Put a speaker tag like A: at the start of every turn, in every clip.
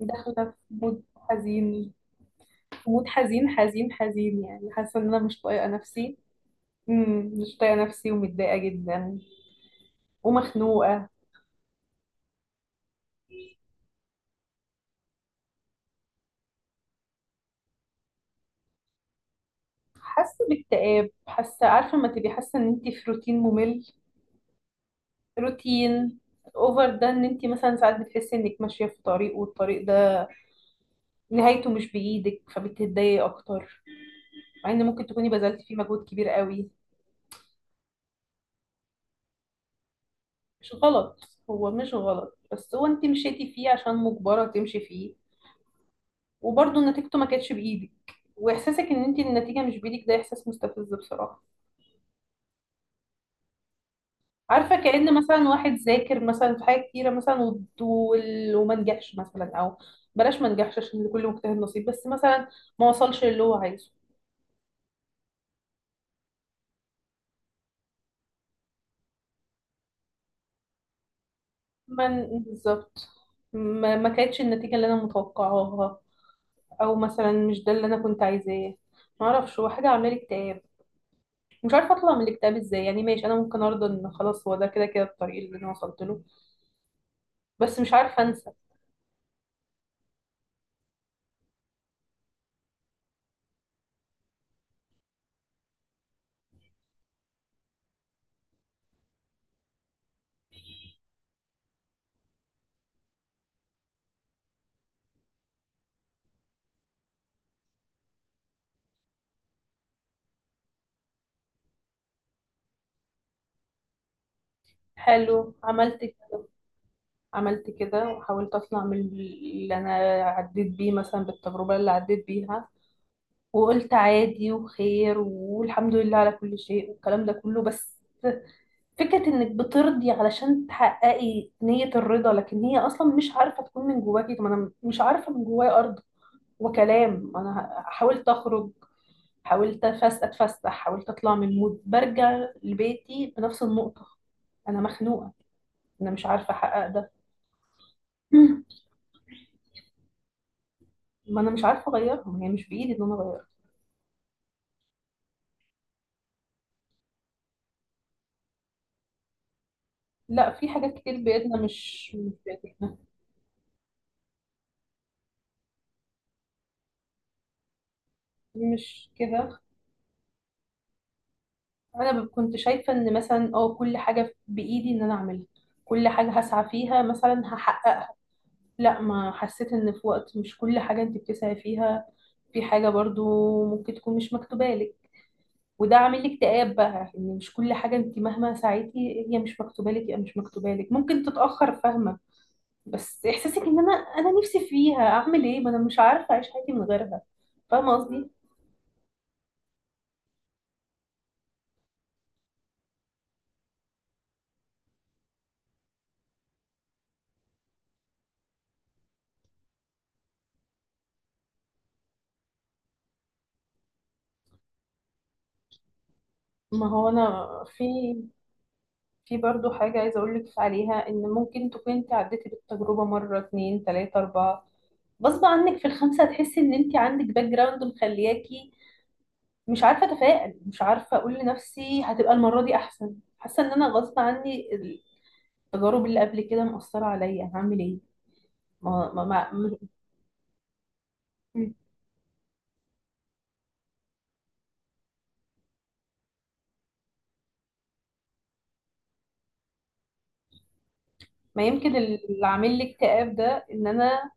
A: داخلة في مود حزين. في مود حزين حزين حزين، يعني حاسة ان انا مش طايقة نفسي. مش طايقة نفسي ومتضايقة جدا ومخنوقة. حاسة باكتئاب، حاسة، عارفة لما تبقي حاسة ان انت في روتين ممل؟ روتين اوفر، ده ان انت مثلا ساعات بتحسي انك ماشية في طريق والطريق ده نهايته مش بإيدك، فبتتضايقي اكتر، مع ان ممكن تكوني بذلتي فيه مجهود كبير قوي. مش غلط، هو مش غلط، بس هو انت مشيتي فيه عشان مجبرة تمشي فيه، وبرضه نتيجته ما كانتش بايدك. واحساسك ان انت النتيجه مش بايدك ده احساس مستفز بصراحه. عارفه، كأن مثلا واحد ذاكر مثلا في حاجه كتيره مثلا وما نجحش، مثلا، او بلاش ما نجحش عشان لكل مجتهد نصيب، بس مثلا ما وصلش اللي هو عايزه. ما ن- بالظبط. ما كانتش النتيجه اللي انا متوقعاها، او مثلا مش ده اللي انا كنت عايزاه. ما اعرفش، هو حاجه عامله لي اكتئاب. مش عارفه اطلع من الاكتئاب ازاي، يعني ماشي انا ممكن ارضى ان خلاص هو ده كده كده الطريق اللي انا وصلت له، بس مش عارفه انسى. حلو. عملت، عملت كده وحاولت اطلع من اللي انا عديت بيه، مثلا بالتجربة اللي عديت بيها، وقلت عادي وخير والحمد لله على كل شيء والكلام ده كله. بس فكرة انك بترضي علشان تحققي نية الرضا، لكن هي اصلا مش عارفة تكون من جواكي. طب انا مش عارفة من جوايا ارض. وكلام، انا حاولت اخرج، حاولت اتفسح، حاولت اطلع من المود، برجع لبيتي بنفس النقطة. انا مخنوقة، انا مش عارفة احقق. ده، ما انا مش عارفه اغيرهم، هي مش بايدي ان انا اغيرها. لا، في حاجات كتير بايدنا مش بايدنا. مش كده. انا كنت شايفه ان مثلا اه كل حاجه بايدي ان انا اعملها، كل حاجه هسعى فيها مثلا هحققها. لا، ما حسيت ان في وقت مش كل حاجه انت بتسعي فيها، في حاجه برضو ممكن تكون مش مكتوبه لك. وده عامل لي اكتئاب بقى، ان مش كل حاجه انت مهما سعيتي هي مش مكتوبه لك، هي مش مكتوبه لك، ممكن تتاخر، فاهمه؟ بس احساسك ان انا، انا نفسي فيها، اعمل ايه؟ ما انا مش عارفه اعيش حياتي من غيرها. فاهمه قصدي؟ ما هو انا، في، في برضو حاجه عايزه اقول لك عليها، ان ممكن تكون انت عديتي بالتجربه مره اتنين تلاته اربعه، غصب عنك في الخمسه هتحسي ان انت عندك باك جراوند مخلياكي مش عارفه اتفائل، مش عارفه اقول لنفسي هتبقى المره دي احسن، حاسه ان انا غصب عني التجارب اللي قبل كده مأثره عليا، هعمل ايه؟ ما ما ما, ما يمكن اللي عامل لي اكتئاب ده ان انا،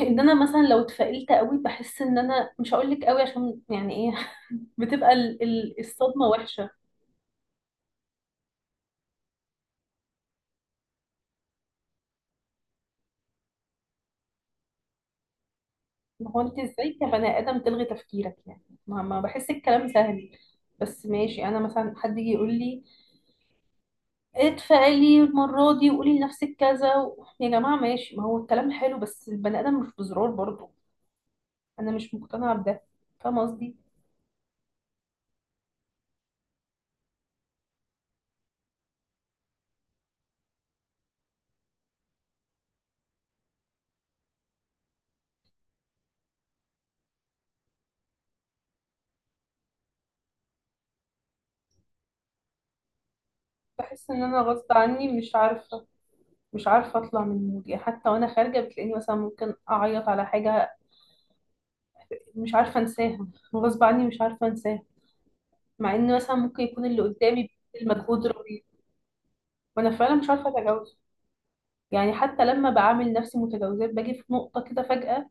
A: ان انا مثلا لو اتفائلت قوي بحس ان انا مش هقول لك قوي عشان، يعني ايه، بتبقى الصدمه وحشه. ما هو انت ازاي كبني ادم تلغي تفكيرك؟ يعني ما بحس الكلام سهل. بس ماشي، انا مثلا حد يجي يقول لي اتفائلي المره دي وقولي لنفسك كذا و... يا جماعه ماشي، ما هو الكلام حلو، بس البني ادم مش بزرار برضه. انا مش مقتنعه بده، فاهمه قصدي؟ بحس ان انا غصب عني، مش عارفه، مش عارفه اطلع من المود، يعني حتى وانا خارجه بتلاقيني مثلا ممكن اعيط على حاجه مش عارفة انساها. غصب عني مش عارفة انساها، مع ان مثلا ممكن يكون اللي قدامي بيبذل مجهود رهيب. وانا فعلا مش عارفة اتجاوزه. يعني حتى لما بعامل نفسي متجاوزات باجي في نقطة كده فجأة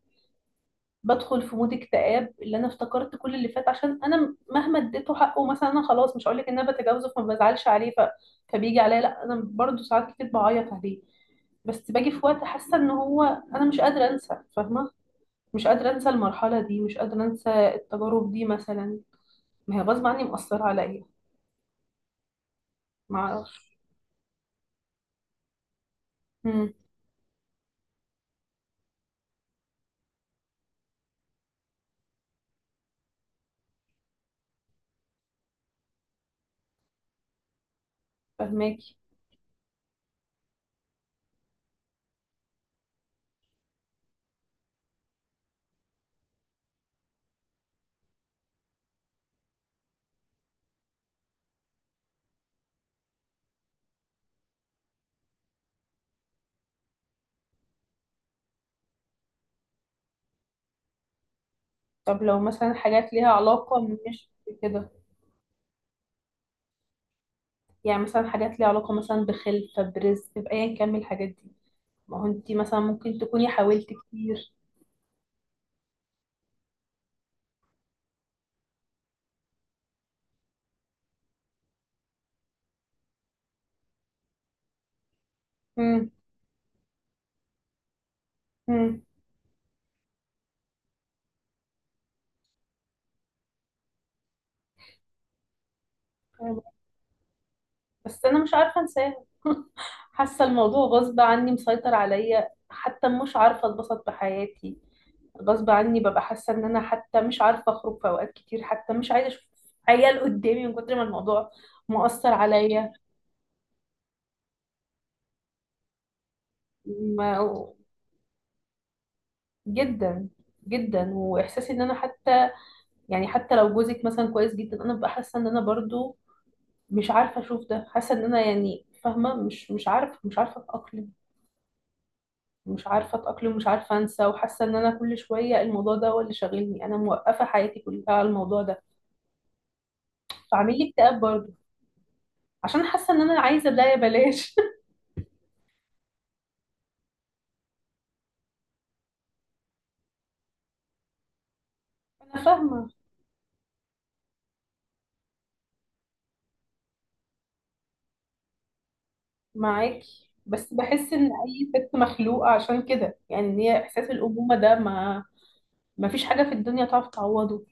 A: بدخل في مود اكتئاب، اللي انا افتكرت كل اللي فات، عشان انا مهما اديته حقه، مثلا انا خلاص مش هقولك ان انا بتجاوزه فما بزعلش عليه ف... فبيجي عليا لا انا برضه ساعات كتير بعيط عليه. بس باجي في وقت حاسة ان هو، انا مش قادرة انسى، فاهمة؟ مش قادرة انسى المرحلة دي، مش قادرة انسى التجارب دي مثلا، ما هي غصب عني مأثرة عليا. ما اعرفش. امم. فهماكي. طب لو مثلا حاجات ليها علاقة، مش كده، يعني مثلا حاجات ليها علاقة مثلا بخلفة، برزق، بأيا كان من الحاجات دي. ما هو انتي مثلا ممكن تكوني حاولت كتير. امم. امم. بس انا مش عارفه انساه. حاسه الموضوع غصب عني مسيطر عليا، حتى مش عارفه اتبسط بحياتي. غصب عني ببقى حاسه ان انا حتى مش عارفه اخرج في اوقات كتير، حتى مش عايزه اشوف عيال قدامي من كتر ما الموضوع مؤثر عليا. ما- جدا. جدا. واحساسي ان انا حتى، يعني حتى لو جوزك مثلا كويس جدا انا ببقى حاسه ان انا برضو مش عارفه اشوف ده، حاسه ان انا، يعني فاهمه، مش عارفه، مش عارفه اتاقلم. مش عارفة أتأقلم، مش عارفة أنسى، وحاسة إن أنا كل شوية الموضوع ده هو اللي شاغلني، أنا موقفة حياتي كلها على الموضوع ده. فعامل لي اكتئاب برضه، عشان حاسة إن أنا عايزة ده، يا بلاش. أنا فاهمة معاكي، بس بحس إن أي ست مخلوقة عشان كده، يعني إن هي إحساس الأمومة ده، ما ما فيش حاجة في الدنيا تعرف تعوضه.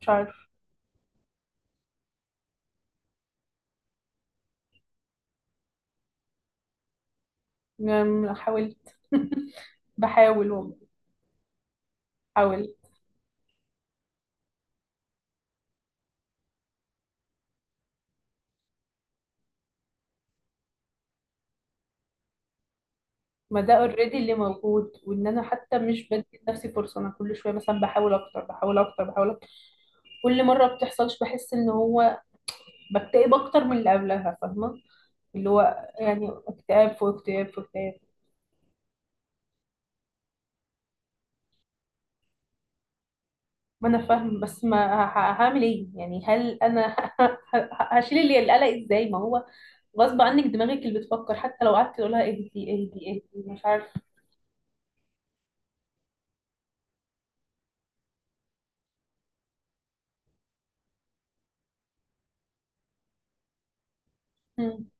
A: مش عارف. يعني حاولت. بحاول والله. حاولت. ما ده اوريدي اللي موجود، وان انا حتى مش بدي لنفسي فرصه، انا كل شويه مثلا بحاول اكتر، بحاول اكتر، بحاول اكتر. كل مره بتحصلش بحس ان هو بكتئب اكتر من اللي قبلها، فاهمه؟ اللي هو يعني اكتئاب فوق اكتئاب فوق اكتئاب. ما انا فاهم، بس ما هعمل ايه؟ يعني هل انا هشيل اللي القلق ازاي؟ ما هو غصب عنك دماغك اللي بتفكر، حتى لو قعدت تقولها اهدي اهدي اهدي مش عارف. امم.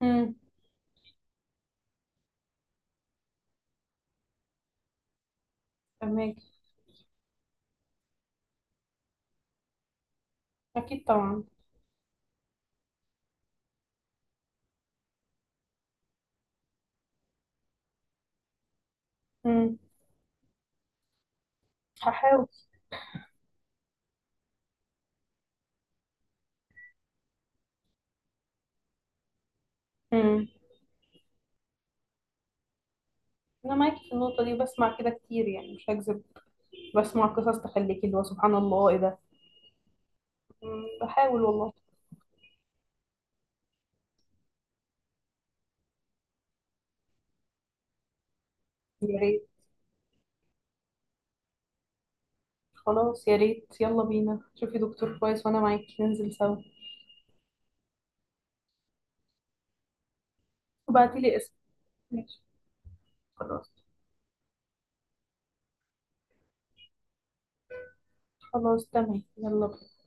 A: امم. فهمك. اكيد طبعا. امم. هحاول. انا معاكي في النقطه دي، وبسمع كده كتير يعني، مش هكذب، بسمع قصص تخليكي اللي هو سبحان الله ايه ده. مم، بحاول والله. يا ريت. خلاص يا ريت، يلا بينا، شوفي دكتور كويس وانا معاكي ننزل سوا. وبعتيلي اسم. ماشي. خلاص. خلاص تمام، يلا بينا.